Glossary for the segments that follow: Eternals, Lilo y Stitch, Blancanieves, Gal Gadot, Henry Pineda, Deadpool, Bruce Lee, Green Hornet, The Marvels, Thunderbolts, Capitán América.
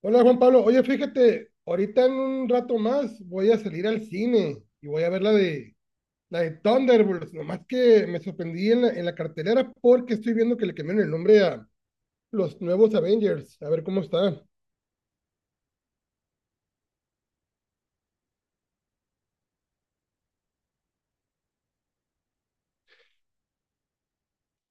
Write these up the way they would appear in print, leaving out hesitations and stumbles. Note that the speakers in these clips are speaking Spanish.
Hola Juan Pablo, oye fíjate, ahorita en un rato más voy a salir al cine y voy a ver la de Thunderbolts, nomás que me sorprendí en la cartelera porque estoy viendo que le cambiaron el nombre a los nuevos Avengers, a ver cómo está.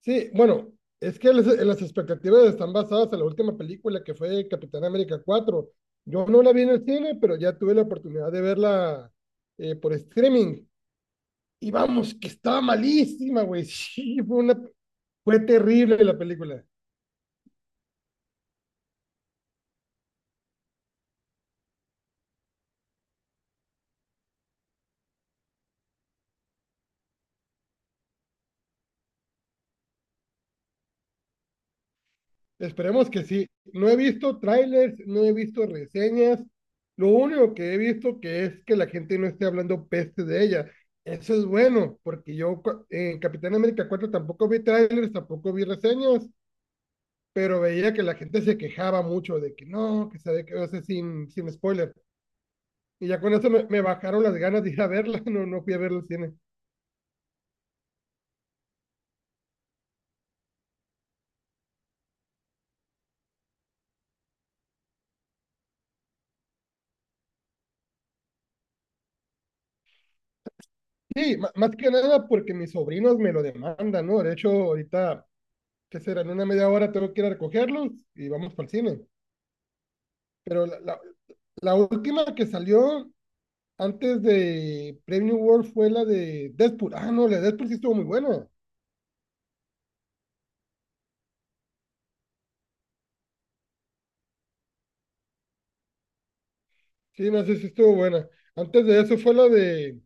Sí, bueno, es que las expectativas están basadas en la última película que fue Capitán América 4. Yo no la vi en el cine, pero ya tuve la oportunidad de verla por streaming y vamos, que estaba malísima, güey. Sí, fue terrible la película. Esperemos que sí. No he visto trailers, no he visto reseñas. Lo único que he visto que es que la gente no esté hablando peste de ella. Eso es bueno, porque yo en Capitán América cuatro tampoco vi trailers, tampoco vi reseñas, pero veía que la gente se quejaba mucho de que no, que sabe que, o sea, sin spoiler. Y ya con eso me bajaron las ganas de ir a verla, no, no fui a verla al cine. Sí, más que nada porque mis sobrinos me lo demandan, ¿no? De hecho, ahorita ¿qué será? En una media hora tengo que ir a recogerlos y vamos para el cine. Pero la última que salió antes de Premium World fue la de Deadpool. Ah, no, la de Deadpool sí estuvo muy buena. Sí, no sé si estuvo buena. Antes de eso fue la de,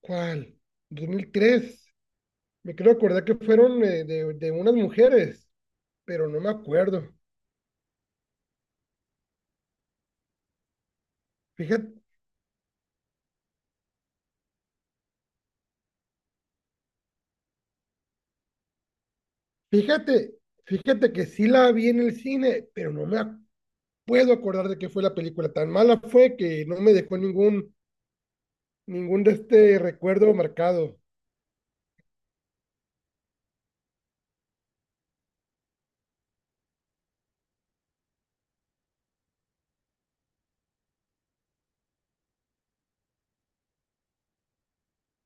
¿cuál? 2003. Me quiero acordar que fueron de unas mujeres, pero no me acuerdo. Fíjate, fíjate, fíjate que sí la vi en el cine, pero no me ac- puedo acordar de qué fue la película. Tan mala fue que no me dejó ningún ningún de este recuerdo marcado.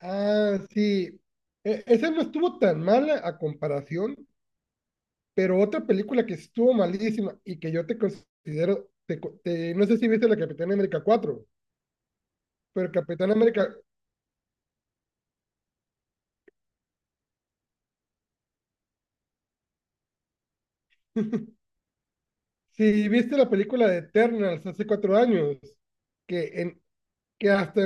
Ah, sí. Esa no estuvo tan mala a comparación, pero otra película que estuvo malísima y que yo te considero, no sé si viste la Capitán América 4, pero Capitán América, si viste la película de Eternals hace 4 años, que, en, que hasta,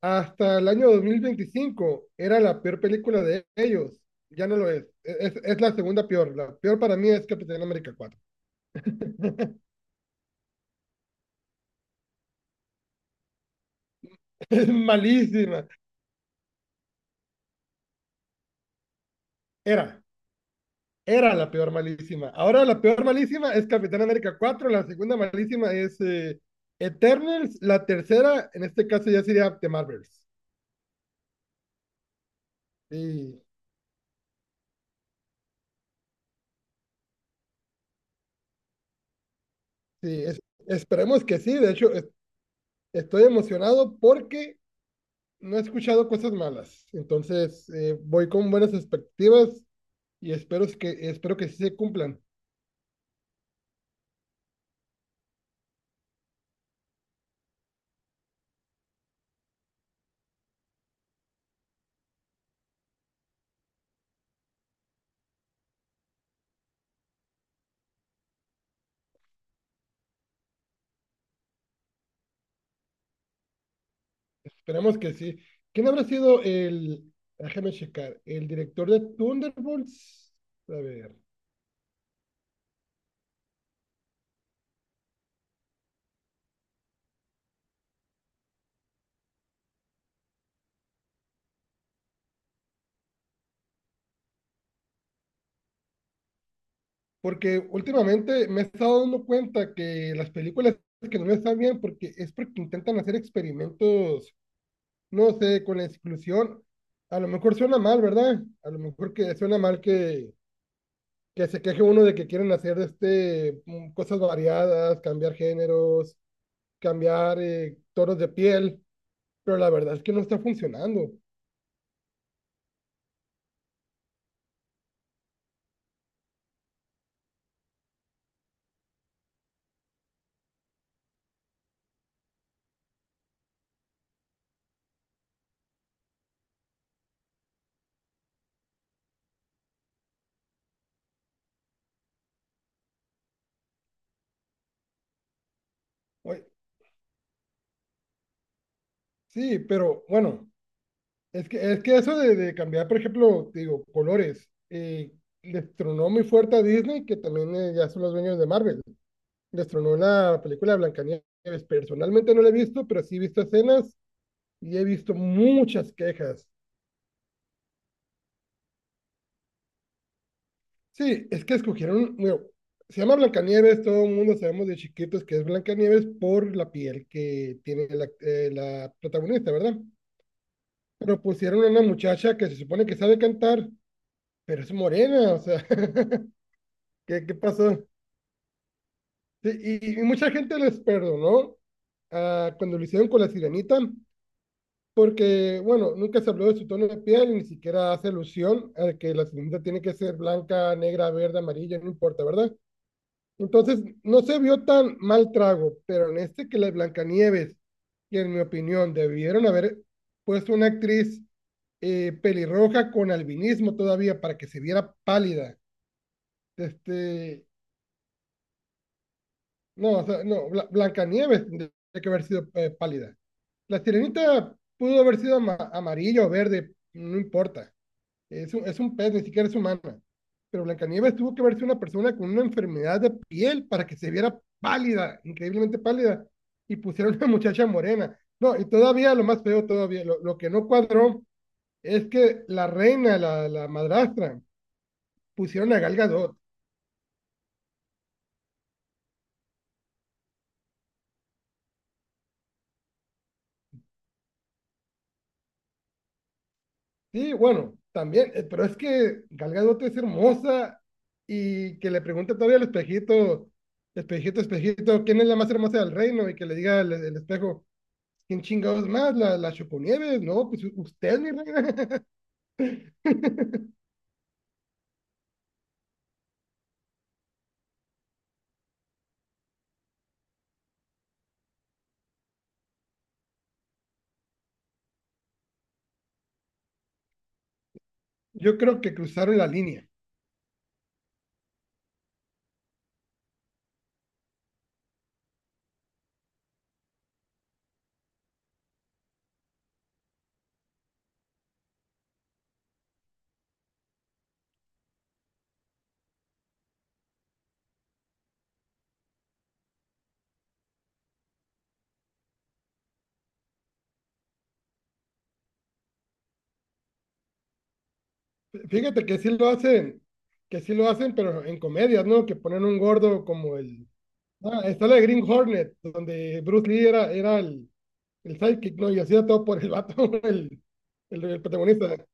hasta el año 2025 era la peor película de ellos, ya no lo es. Es la segunda peor. La peor para mí es Capitán América 4. Es malísima. Era, era la peor malísima. Ahora la peor malísima es Capitán América 4, la segunda malísima es Eternals, la tercera, en este caso ya sería The Marvels. Sí, sí, esperemos que sí. De hecho, estoy emocionado porque no he escuchado cosas malas. Entonces, voy con buenas expectativas y espero que sí se cumplan. Esperemos que sí. ¿Quién habrá sido déjame checar, el director de Thunderbolts? A ver. Porque últimamente me he estado dando cuenta que las películas que no les están bien, porque es porque intentan hacer experimentos, no sé, con la exclusión. A lo mejor suena mal, ¿verdad? A lo mejor que suena mal que se queje uno de que quieren hacer cosas variadas, cambiar géneros, cambiar tonos de piel, pero la verdad es que no está funcionando. Oye, sí, pero bueno. Es que eso de cambiar, por ejemplo, te digo, colores, les tronó muy fuerte a Disney, que también ya son los dueños de Marvel. Les tronó la película de Blancanieves. Personalmente no la he visto, pero sí he visto escenas y he visto muchas quejas. Sí, es que escogieron, bueno, se llama Blancanieves, todo el mundo sabemos de chiquitos que es Blancanieves por la piel que tiene la protagonista, ¿verdad? Pero pusieron a una muchacha que se supone que sabe cantar, pero es morena, o sea, ¿qué, qué pasó? Sí, y mucha gente les perdonó ah, cuando lo hicieron con la sirenita, porque, bueno, nunca se habló de su tono de piel ni siquiera hace alusión a que la sirenita tiene que ser blanca, negra, verde, amarilla, no importa, ¿verdad? Entonces, no se vio tan mal trago, pero en este que las Blancanieves, que en mi opinión debieron haber puesto una actriz pelirroja con albinismo todavía para que se viera pálida. Este, no, o sea, no, Blancanieves tendría que haber sido pálida. La sirenita pudo haber sido amarillo o verde, no importa. Es un pez, ni siquiera es humana. Pero Blancanieves tuvo que verse una persona con una enfermedad de piel para que se viera pálida, increíblemente pálida. Y pusieron a una muchacha morena. No, y todavía lo más feo, todavía, lo que no cuadró es que la reina, la madrastra, pusieron a Gal Gadot. Sí, bueno, también, pero es que Gal Gadot es hermosa y que le pregunte todavía al espejito, espejito, espejito, ¿quién es la más hermosa del reino? Y que le diga el espejo, ¿quién chingados más? ¿La, la Choconieves? No, pues usted, mi reina. Yo creo que cruzaron la línea. Fíjate que sí lo hacen, que sí lo hacen, pero en comedias, ¿no? Que ponen un gordo como el... Ah, está la de Green Hornet, donde Bruce Lee era, era el sidekick, ¿no? Y hacía todo por el vato, el protagonista.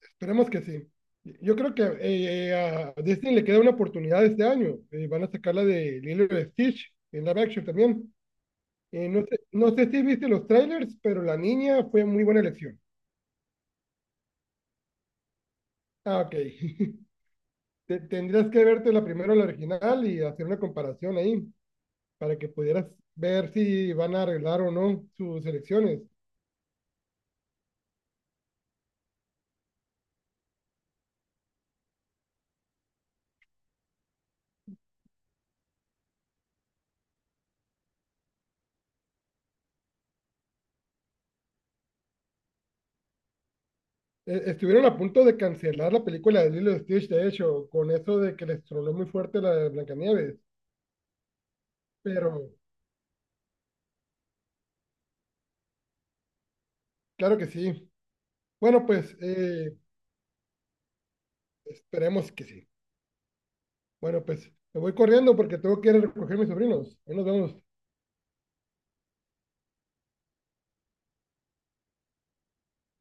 Esperemos que sí. Yo creo que a Disney le queda una oportunidad este año. Van a sacar la de Lilo y Stitch en live action también. No sé, no sé si viste los trailers, pero la niña fue muy buena elección. Ah, ok. Tendrías que verte la primero, la original, y hacer una comparación ahí para que pudieras ver si van a arreglar o no sus elecciones. Estuvieron a punto de cancelar la película de Lilo y Stitch, de hecho, con eso de que les tronó muy fuerte la de Blancanieves. Pero claro que sí. Bueno, pues esperemos que sí. Bueno, pues me voy corriendo porque tengo que ir a recoger a mis sobrinos. Ahí nos vemos.